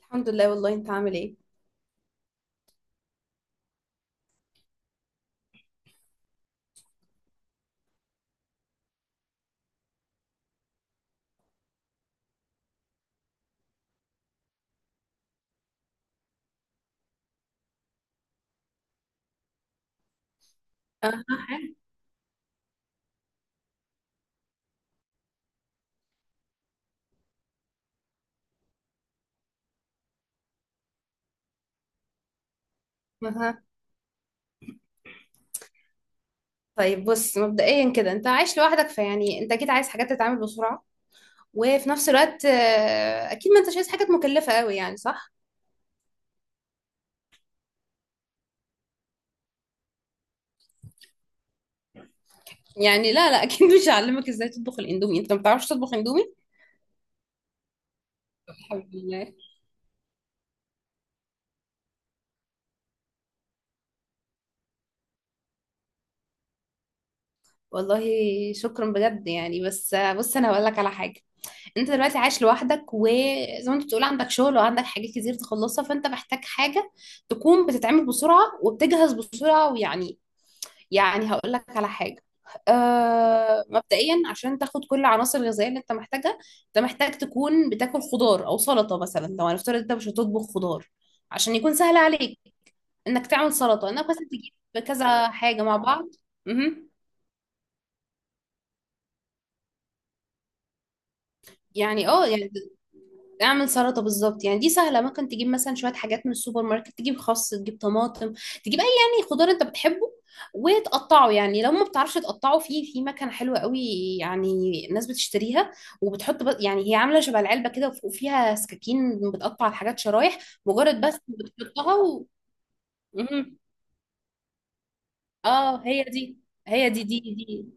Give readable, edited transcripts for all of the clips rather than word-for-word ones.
الحمد لله. والله انت عامل ايه؟ اها. طيب بص، مبدئيا كده انت عايش لوحدك، فيعني انت اكيد عايز حاجات تتعامل بسرعة، وفي نفس الوقت اكيد ما انتش عايز حاجات مكلفة قوي، يعني صح؟ يعني لا لا، اكيد مش هعلمك ازاي تطبخ الاندومي، انت ما بتعرفش تطبخ اندومي؟ الحمد لله. والله شكرا بجد يعني، بس بص انا هقول لك على حاجة. انت دلوقتي عايش لوحدك، وزي ما انت بتقول عندك شغل وعندك حاجات كتير تخلصها، فانت محتاج حاجة تكون بتتعمل بسرعة وبتجهز بسرعة ويعني، يعني هقول لك على حاجة. مبدئيا عشان تاخد كل العناصر الغذائية اللي انت محتاجها، انت محتاج تكون بتاكل خضار او سلطة، مثلا لو هنفترض انت مش هتطبخ خضار عشان يكون سهل عليك، انك تعمل سلطة، انك بس تجيب كذا حاجة مع بعض. مهم. يعني يعني اعمل سلطه بالظبط، يعني دي سهله، ممكن تجيب مثلا شويه حاجات من السوبر ماركت، تجيب خس، تجيب طماطم، تجيب اي يعني خضار انت بتحبه، وتقطعه. يعني لو ما بتعرفش تقطعه، في مكنه حلوه قوي، يعني الناس بتشتريها، وبتحط بس، يعني هي عامله شبه العلبه كده، وفيها سكاكين بتقطع الحاجات شرايح. مجرد بس بتحطها و... مهم. اه، هي دي. هي دي.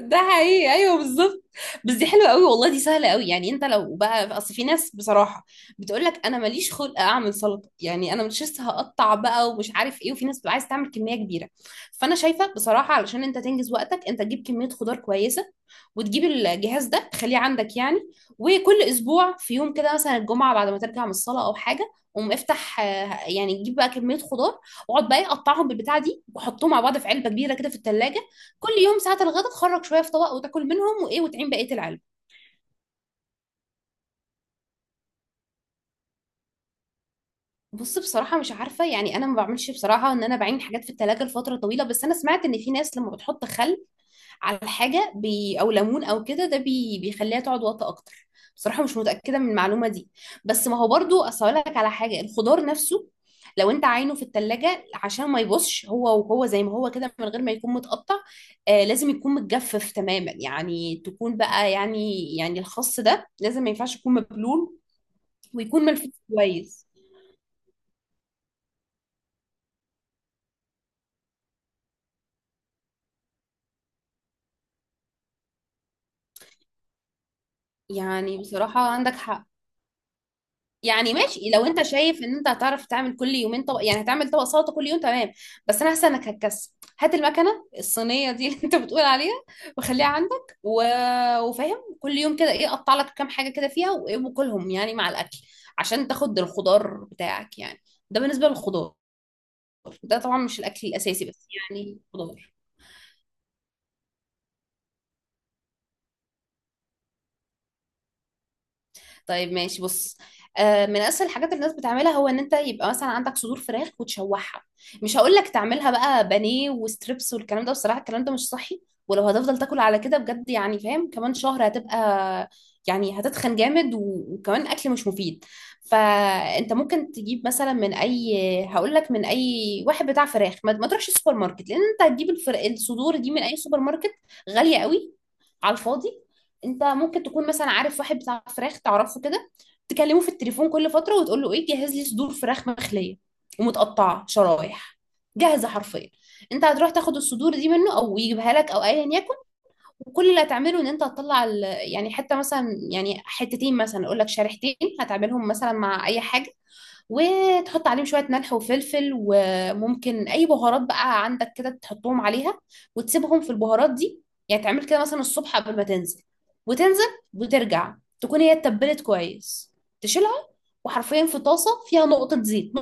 ده حقيقي، ايوه بالظبط. بس دي حلوه قوي والله، دي سهله قوي. يعني انت لو بقى، اصل في ناس بصراحه بتقول لك انا ماليش خلق اعمل سلطه، يعني انا مش لسه هقطع بقى ومش عارف ايه، وفي ناس بتبقى عايز تعمل كميه كبيره. فانا شايفه بصراحه، علشان انت تنجز وقتك، انت تجيب كميه خضار كويسه، وتجيب الجهاز ده تخليه عندك يعني، وكل اسبوع في يوم كده، مثلا الجمعه بعد ما ترجع من الصلاه او حاجه، قوم افتح يعني تجيب بقى كميه خضار، واقعد بقى إيه، قطعهم بالبتاعه دي، وحطهم مع بعض في علبه كبيره كده في الثلاجه. كل يوم ساعة الغدا تخرج شوية في طبق، وتاكل منهم وايه، وتعين بقية العلبة. بص بصراحة مش عارفة، يعني أنا ما بعملش بصراحة إن أنا بعين حاجات في التلاجة لفترة طويلة، بس أنا سمعت إن في ناس لما بتحط خل على حاجه بي، او ليمون او كده، ده بي بيخليها تقعد وقت اكتر. بصراحه مش متاكده من المعلومه دي، بس ما هو برضو، اصل أقول لك على حاجه، الخضار نفسه لو انت عينه في التلاجة عشان ما يبصش، هو وهو زي ما هو كده من غير ما يكون متقطع، آه لازم يكون متجفف تماما، يعني تكون بقى يعني، يعني الخس ده لازم، ما ينفعش يكون مبلول، ويكون ملفوف كويس. يعني بصراحة عندك حق. يعني ماشي، لو انت شايف ان انت هتعرف تعمل كل يومين طبق، يعني هتعمل طبق سلطه كل يوم، تمام، بس انا حاسه انك هتكسل. هات المكنه الصينيه دي اللي انت بتقول عليها، وخليها عندك، و... وفاهم كل يوم كده ايه، قطع لك كام حاجه كده فيها وايه، وكلهم يعني مع الاكل عشان تاخد الخضار بتاعك يعني. ده بالنسبه للخضار. ده طبعا مش الاكل الاساسي، بس يعني خضار. طيب ماشي بص، من اسهل الحاجات اللي الناس بتعملها، هو ان انت يبقى مثلا عندك صدور فراخ وتشوحها. مش هقول لك تعملها بقى بانيه وستريبس والكلام ده، بصراحه الكلام ده مش صحي، ولو هتفضل تاكل على كده بجد، يعني فاهم، كمان شهر هتبقى، يعني هتتخن جامد وكمان اكل مش مفيد. فانت ممكن تجيب مثلا من اي، هقول لك، من اي واحد بتاع فراخ، ما تروحش السوبر ماركت، لان انت هتجيب الصدور دي من اي سوبر ماركت غاليه قوي على الفاضي. انت ممكن تكون مثلا عارف واحد بتاع فراخ تعرفه كده، تكلمه في التليفون كل فتره وتقول له ايه، جهز لي صدور فراخ مخليه ومتقطعه شرايح، جاهزه حرفيا. انت هتروح تاخد الصدور دي منه او يجيبها لك او ايا يكن، وكل اللي هتعمله ان انت هتطلع يعني حته مثلا، يعني حتتين مثلا، اقول لك شريحتين، هتعملهم مثلا مع اي حاجه، وتحط عليهم شوية ملح وفلفل، وممكن أي بهارات بقى عندك كده تحطهم عليها، وتسيبهم في البهارات دي. يعني تعمل كده مثلا الصبح قبل ما تنزل، وتنزل، وترجع، تكون هي اتبلت كويس، تشيلها، وحرفيا في طاسة فيها نقطة زيت،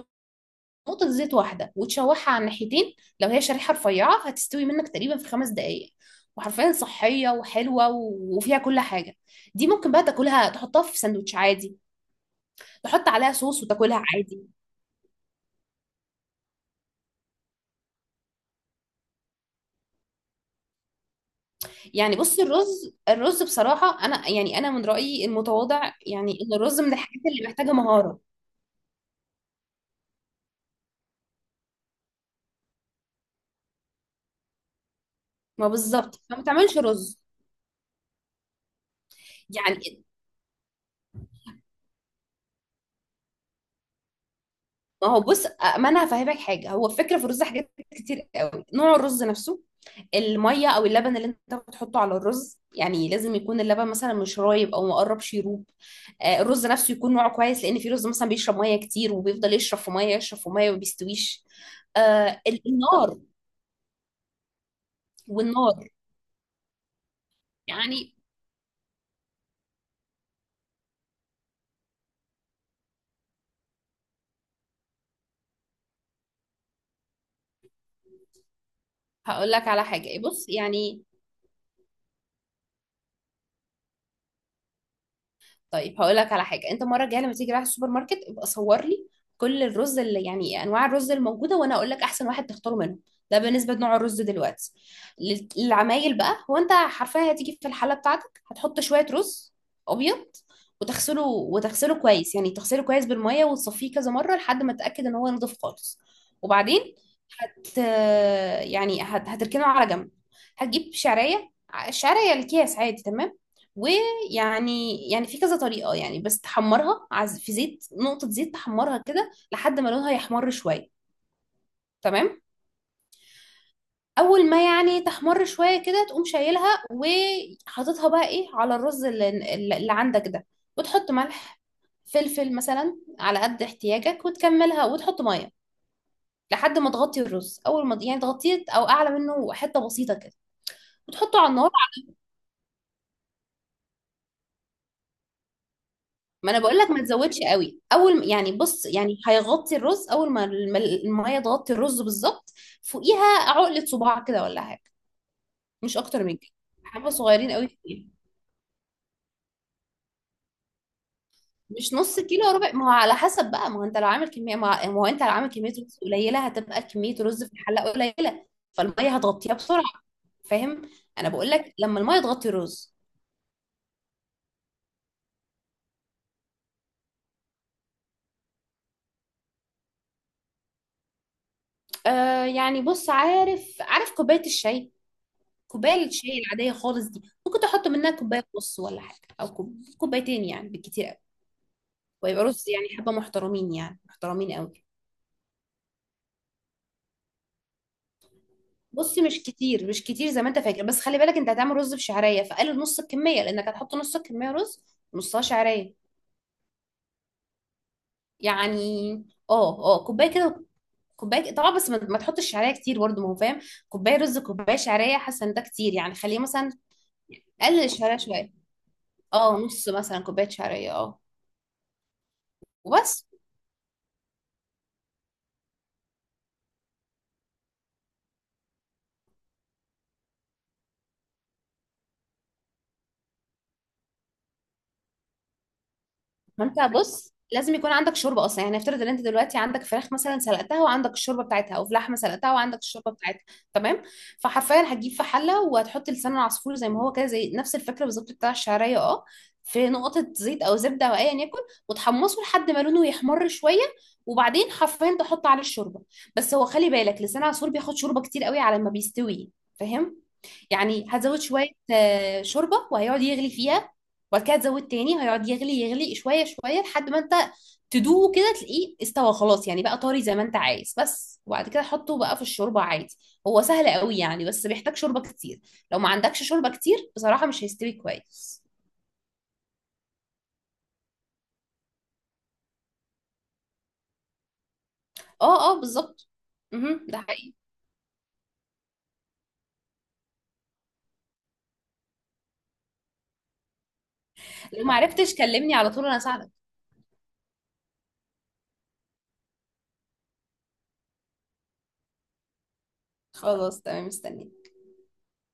نقطة زيت واحدة، وتشوحها على الناحيتين. لو هي شريحة رفيعة هتستوي منك تقريبا في 5 دقايق، وحرفيا صحية وحلوة وفيها كل حاجة. دي ممكن بقى تاكلها، تحطها في سندوتش عادي، تحط عليها صوص وتاكلها عادي. يعني بص، الرز بصراحة أنا يعني، أنا من رأيي المتواضع، يعني إن الرز من الحاجات اللي محتاجة مهارة. ما بالظبط، فما تعملش رز. يعني ما هو بص، ما أنا هفهمك حاجة، هو الفكرة في الرز حاجات كتير قوي. نوع الرز نفسه، المية أو اللبن اللي أنت بتحطه على الرز، يعني لازم يكون اللبن مثلا مش رايب أو مقرب شيروب. الرز نفسه يكون نوعه كويس، لأن في رز مثلا بيشرب مية كتير، وبيفضل يشرب في مية، يشرب في مية وما بيستويش. النار والنار، يعني هقول لك على حاجة بص. طيب هقول لك على حاجه، انت المره الجايه لما تيجي رايح السوبر ماركت، ابقى صور لي كل الرز اللي، يعني انواع الرز الموجوده، وانا اقول لك احسن واحد تختاره منهم. ده بالنسبه لنوع الرز. دلوقتي للعمايل بقى، هو انت حرفيا هتيجي في الحله بتاعتك، هتحط شويه رز ابيض، وتغسله، وتغسله كويس، يعني تغسله كويس بالميه، وتصفيه كذا مره لحد ما تتاكد ان هو نضيف خالص. وبعدين هت هتركنه على جنب، هتجيب شعريه، الشعريه الكيس عادي تمام، و يعني في كذا طريقة، يعني بس تحمرها عز في زيت، نقطة زيت، تحمرها كده لحد ما لونها يحمر شوية، تمام؟ أول ما يعني تحمر شوية كده، تقوم شايلها وحاططها بقى إيه على الرز اللي عندك ده، وتحط ملح، فلفل مثلا على قد احتياجك، وتكملها وتحط مية لحد ما تغطي الرز. أول ما يعني تغطيه، أو أعلى منه حتة بسيطة كده، وتحطه على النار. ما انا بقول لك، ما تزودش قوي. اول ما- يعني بص، يعني هيغطي الرز، اول ما الم- الميه تغطي الرز بالظبط، فوقيها عقله صباع كده ولا حاجه، مش اكتر من كده، حبه صغيرين قوي فيها. مش نص كيلو، ربع، ما هو على حسب بقى، ما هو انت لو عامل كميه، ما هو انت لو عامل كميه رز قليله، هتبقى كميه رز في الحله قليله، فالميه هتغطيها بسرعه، فاهم؟ انا بقول لك لما الميه تغطي الرز. آه يعني بص، عارف كوبايه الشاي، كوبايه الشاي العاديه خالص دي، ممكن تحط منها كوبايه ونص ولا حاجه، او كوبايتين يعني بالكتير قوي، ويبقى رز يعني حبه محترمين، يعني محترمين قوي. بص مش كتير، مش كتير زي ما انت فاكر، بس خلي بالك انت هتعمل رز بشعريه، فقلل نص الكميه، لانك هتحط نص الكميه رز، نصها شعريه. يعني اه اه كوبايه كده، كوبايه طبعا، بس ما ما تحطش شعريه كتير برضه، ما هو فاهم، كوبايه رز كوبايه شعريه، حاسه ان ده كتير، يعني خليه مثلا، قلل الشعريه شويه، اه نص مثلا كوبايه شعريه، اه وبس. ما انت بص لازم يكون عندك شوربه اصلا، يعني افترض ان انت دلوقتي عندك فراخ مثلا سلقتها وعندك الشوربه بتاعتها، او فلحمه سلقتها وعندك الشوربه بتاعتها، تمام. فحرفيا هتجيب في حله، وهتحط لسان العصفور زي ما هو كده، زي نفس الفكره بالظبط بتاع الشعريه، اه، في نقطه زيت او زبده او ايا يكن، وتحمصه لحد ما لونه يحمر شويه، وبعدين حرفيا تحط عليه الشوربه. بس هو خلي بالك، لسان العصفور بياخد شوربه كتير قوي على ما بيستوي، فاهم؟ يعني هزود شويه شوربه، وهيقعد يغلي فيها، وبعد كده تزود تاني، هيقعد يغلي يغلي شويه شويه لحد ما انت تدوقه كده، تلاقيه استوى خلاص، يعني بقى طري زي ما انت عايز، بس وبعد كده حطه بقى في الشوربه عادي. هو سهل قوي يعني، بس بيحتاج شوربه كتير، لو ما عندكش شوربه كتير بصراحه مش هيستوي كويس. اه اه بالظبط. مهم، ده حقيقي. لو ما عرفتش كلمني على طول، انا اساعدك. خلاص تمام، مستنيه.